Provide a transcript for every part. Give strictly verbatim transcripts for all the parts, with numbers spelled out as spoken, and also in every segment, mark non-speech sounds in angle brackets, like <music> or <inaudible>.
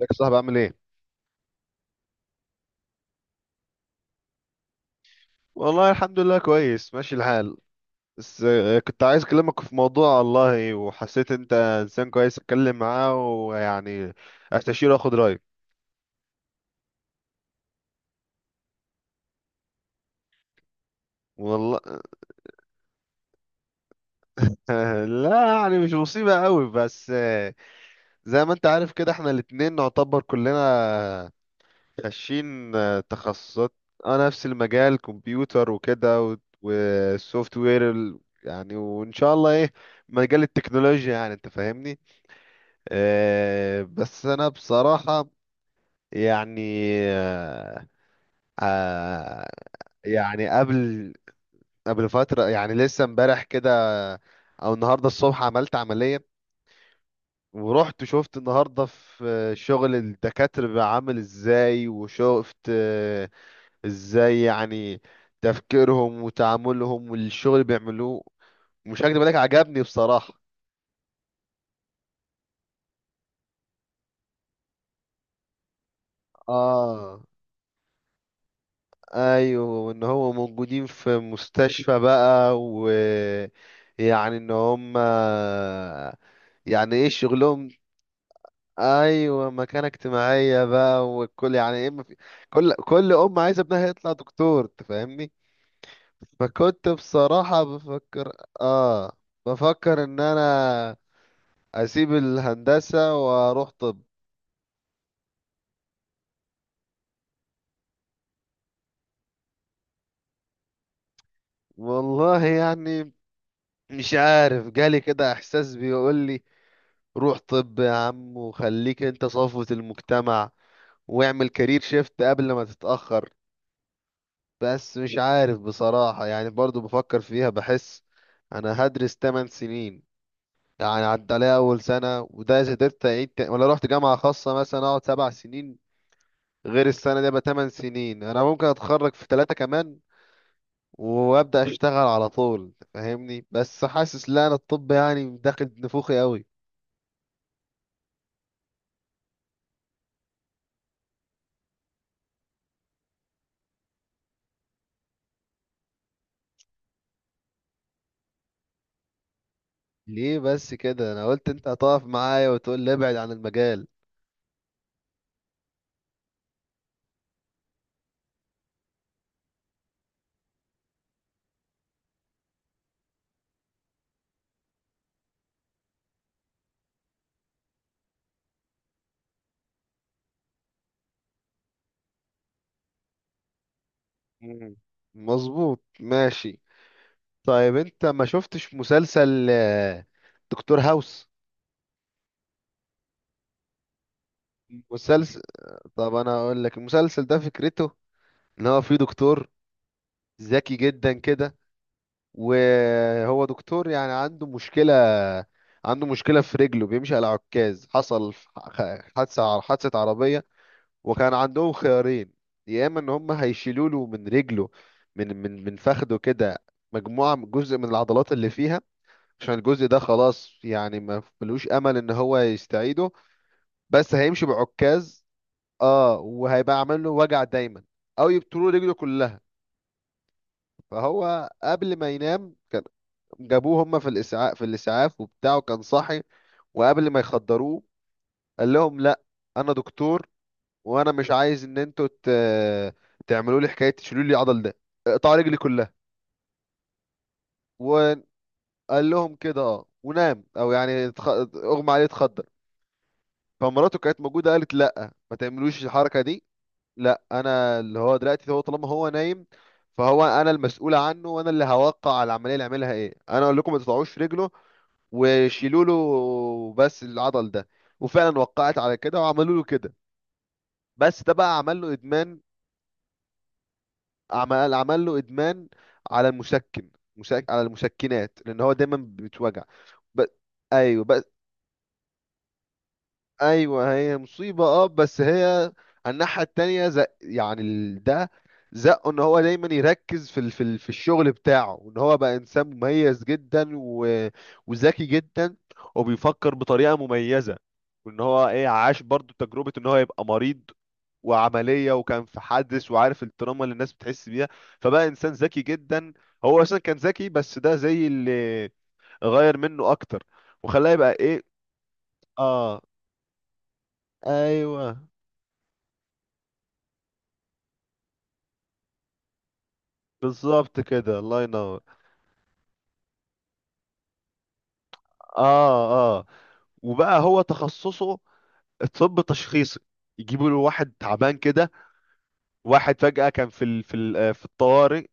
ازيك يا صاحبي عامل ايه؟ والله الحمد لله كويس ماشي الحال. بس آه، كنت عايز اكلمك في موضوع والله، وحسيت انت انسان كويس اتكلم معاه ويعني استشيره واخد رايك. والله <laughs> لا يعني مش مصيبة قوي، بس آه، زي ما انت عارف كده احنا الاتنين نعتبر كلنا خاشين آه، تخصصات. اه، نفس المجال، كمبيوتر وكده والسوفت وير، يعني وان شاء الله ايه، مجال التكنولوجيا، يعني انت فاهمني. آه، بس انا بصراحة يعني آه، آه، يعني قبل قبل فترة، يعني لسه امبارح كده او النهاردة الصبح عملت عملية. ورحت شفت النهاردة في شغل الدكاترة بقى عامل ازاي، وشفت آه، ازاي يعني تفكيرهم وتعاملهم والشغل اللي بيعملوه. مش هكدب عليك، عجبني بصراحة. اه، ايوه، ان هو موجودين في مستشفى بقى، ويعني ان هم يعني ايه شغلهم. ايوه، مكانة اجتماعية بقى، والكل يعني ايه، ما في كل كل ام عايزة ابنها يطلع دكتور، تفهمني. فكنت بصراحة بفكر اه بفكر ان انا اسيب الهندسة واروح طب. والله يعني مش عارف، جالي كده احساس بيقول لي روح طب يا عم وخليك انت صفوة المجتمع، واعمل كارير شيفت قبل ما تتأخر. بس مش عارف بصراحة، يعني برضو بفكر فيها، بحس انا هدرس ثماني سنين. يعني عدى عليا اول سنة، وده اذا قدرت اعيد، تا- ولا رحت جامعة خاصة مثلا اقعد سبع سنين غير السنة دي، يبقى ثماني سنين. انا ممكن اتخرج في ثلاثة كمان وابدأ اشتغل على طول، فاهمني. بس حاسس لا، انا الطب يعني داخل نفوخي قوي. ليه بس كده؟ انا قلت انت هتقف معايا وتقول لي ابعد عن المجال. مم. مظبوط، ماشي. طيب انت ما شفتش مسلسل آه، دكتور هاوس؟ مسلسل، طب انا اقول لك المسلسل ده فكرته ان هو فيه دكتور ذكي جدا كده، وهو دكتور يعني عنده مشكلة عنده مشكلة في رجله، بيمشي على عكاز. حصل ح- حادثة حادثة عربية، وكان عندهم خيارين. يا اما ان هم هيشيلوا له من رجله، من من من فخده كده، مجموعه من- جزء من العضلات اللي فيها، عشان الجزء ده خلاص يعني ما ملوش امل ان هو يستعيده، بس هيمشي بعكاز. اه، وهيبقى عامل له وجع دايما، او يبتلوا رجله كلها. فهو قبل ما ينام كان جابوه هم في الاسعاف في الاسعاف، وبتاعه كان صاحي، وقبل ما يخدروه قال لهم لا، انا دكتور، وانا مش عايز ان انتوا ت... تعملوا لي حكايه تشيلوا لي العضل ده، اقطعوا رجلي كلها. وقال لهم كده، اه، ونام، او يعني اتخ... اغمى عليه، اتخدر. فمراته كانت موجوده، قالت لا، ما تعملوش الحركه دي، لا انا اللي هو دلوقتي، هو طالما هو نايم فهو انا المسؤول عنه، وانا اللي هوقع على العمليه، اللي عملها ايه، انا اقول لكم ما تقطعوش رجله، وشيلوا له بس العضل ده. وفعلا وقعت على كده، وعملوا له كده. بس ده بقى عمل له ادمان. عمل عمل له ادمان على المشكن مشك... على المشكنات، لان هو دايما بتوجع. ب... ايوه، ب... ايوه، هي مصيبه اه، بس هي على الناحيه التانيه، زق... يعني ال- ده زقه ان هو دايما يركز في ال... في, ال... في الشغل بتاعه، وان هو بقى انسان مميز جدا و... وذكي جدا، وبيفكر بطريقه مميزه، وان هو ايه، عاش برضو تجربه ان هو يبقى مريض وعمليه، وكان في حدث، وعارف التراما اللي الناس بتحس بيها. فبقى انسان ذكي جدا. هو اصلا كان ذكي، بس ده زي اللي غير منه اكتر وخلاه يبقى ايه. اه، ايوه بالظبط كده، الله ينور. اه، اه، وبقى هو تخصصه الطب التشخيصي. يجيبوا له واحد تعبان كده، واحد فجأة كان في ال... في ال... آه، في الطوارئ.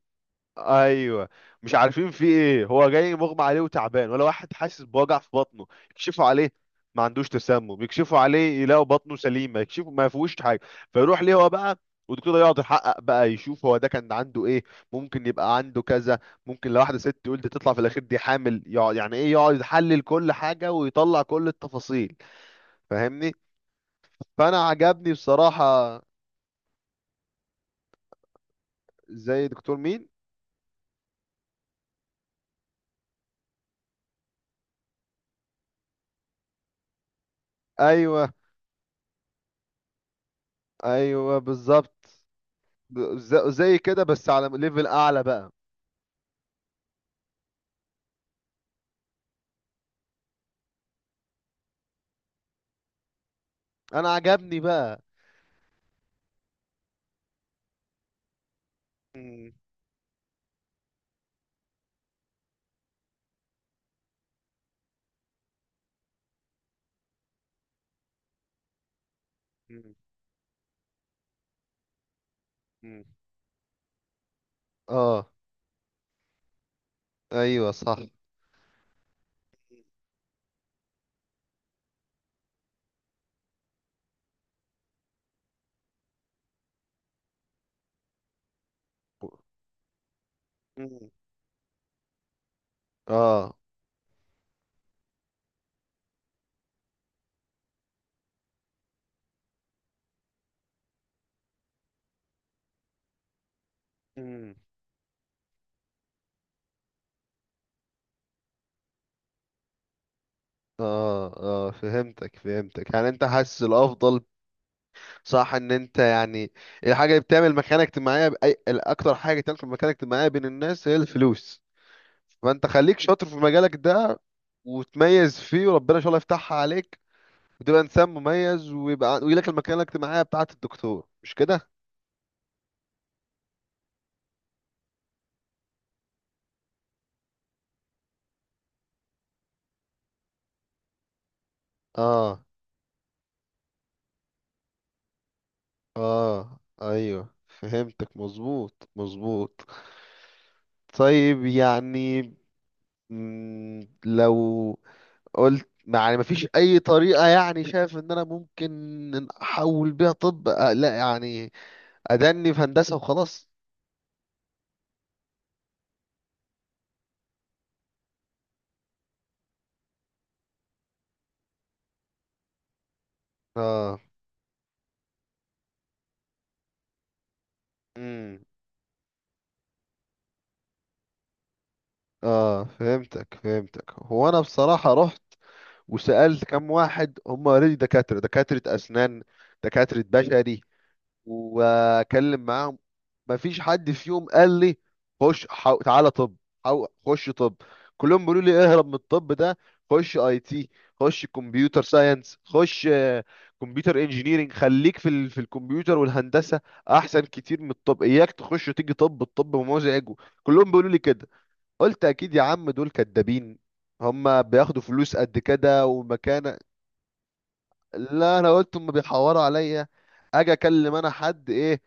ايوه، مش عارفين في ايه، هو جاي مغمى عليه وتعبان، ولا واحد حاسس بوجع في بطنه. يكشفوا عليه ما عندوش تسمم، يكشفوا عليه يلاقوا بطنه سليمه، يكشفوا ما فيهوش حاجه. فيروح ليه هو بقى، والدكتور ده يقعد يحقق بقى، يشوف هو ده كان عنده ايه. ممكن يبقى عنده كذا، ممكن لو واحده ست تقول دي تطلع في الاخير دي حامل، يقعد يعني ايه، يقعد يحلل كل حاجه ويطلع كل التفاصيل، فاهمني. فانا عجبني بصراحه. زي دكتور مين؟ ايوه ايوه بالظبط. ز- زي كده بس على ليفل اعلى بقى. انا عجبني بقى. مم. مم. مم. اه، ايوه صح. مم. اه. مم. اه، اه، فهمتك فهمتك. يعني انت حاسس الافضل، صح، ان انت يعني الحاجه اللي بتعمل مكانه اجتماعيه بأي... الاكتر حاجه تعمل في مكانه اجتماعيه بين الناس هي الفلوس. فانت خليك شاطر في مجالك ده وتميز فيه، وربنا ان شاء الله يفتحها عليك، وتبقى انسان مميز، ويبقى ويجيلك المكانه الاجتماعيه بتاعه الدكتور، مش كده. اه، اه، ايوه فهمتك، مظبوط مظبوط. طيب يعني مم، لو قلت يعني مفيش اي طريقة، يعني شايف ان انا ممكن إن احول بيها طب، آه لا يعني ادني في هندسة وخلاص. اه. امم. اه، فهمتك فهمتك. هو انا بصراحة رحت وسألت كم واحد، هم اوريدي دكاترة، دكاترة اسنان، دكاترة بشري، واكلم معاهم. مفيش حد فيهم قال لي خش. حو... تعالى طب، حو... خش طب. كلهم بيقولوا لي اهرب من الطب ده، خش اي تي، خش كمبيوتر ساينس، خش كمبيوتر انجينيرنج، خليك في ال... في الكمبيوتر والهندسه، احسن كتير من الطب. اياك تخش وتيجي طب، الطب مزعج. كلهم بيقولوا لي كده. قلت اكيد يا عم دول كدابين، هما بياخدوا فلوس قد كده ومكانه. لا، انا قلت هما بيحوروا عليا، اجي اكلم انا حد ايه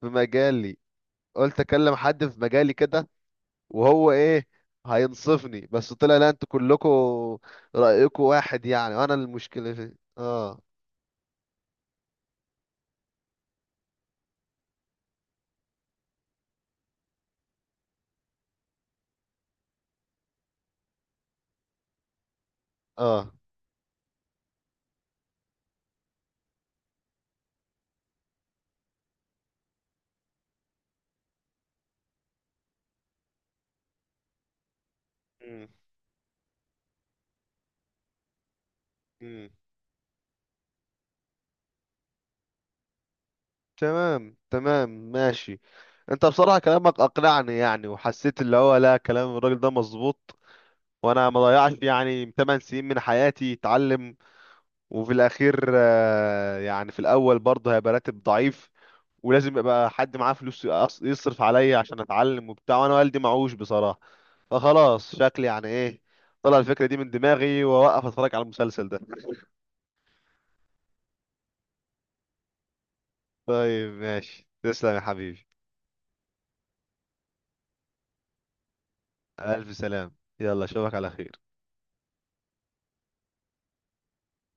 في مجالي، قلت اكلم حد في مجالي كده، وهو ايه هينصفني. بس طلع لا، انتوا كلكم رأيكم واحد، يعني وانا المشكلة في اه. اه. مم. مم. تمام تمام ماشي. انت بصراحة كلامك اقنعني، يعني وحسيت اللي هو لا، كلام الراجل ده مظبوط، وانا ما ضيعش يعني ثماني سنين من حياتي اتعلم، وفي الاخير آه، يعني في الاول برضه هيبقى راتب ضعيف، ولازم يبقى حد معاه فلوس يقص- يصرف عليا عشان اتعلم وبتاع، وانا والدي معوش بصراحة. فخلاص شكلي يعني ايه، طلع الفكرة دي من دماغي واوقف اتفرج على المسلسل ده. طيب ماشي، تسلم يا حبيبي. الف سلام، يلا اشوفك على خير.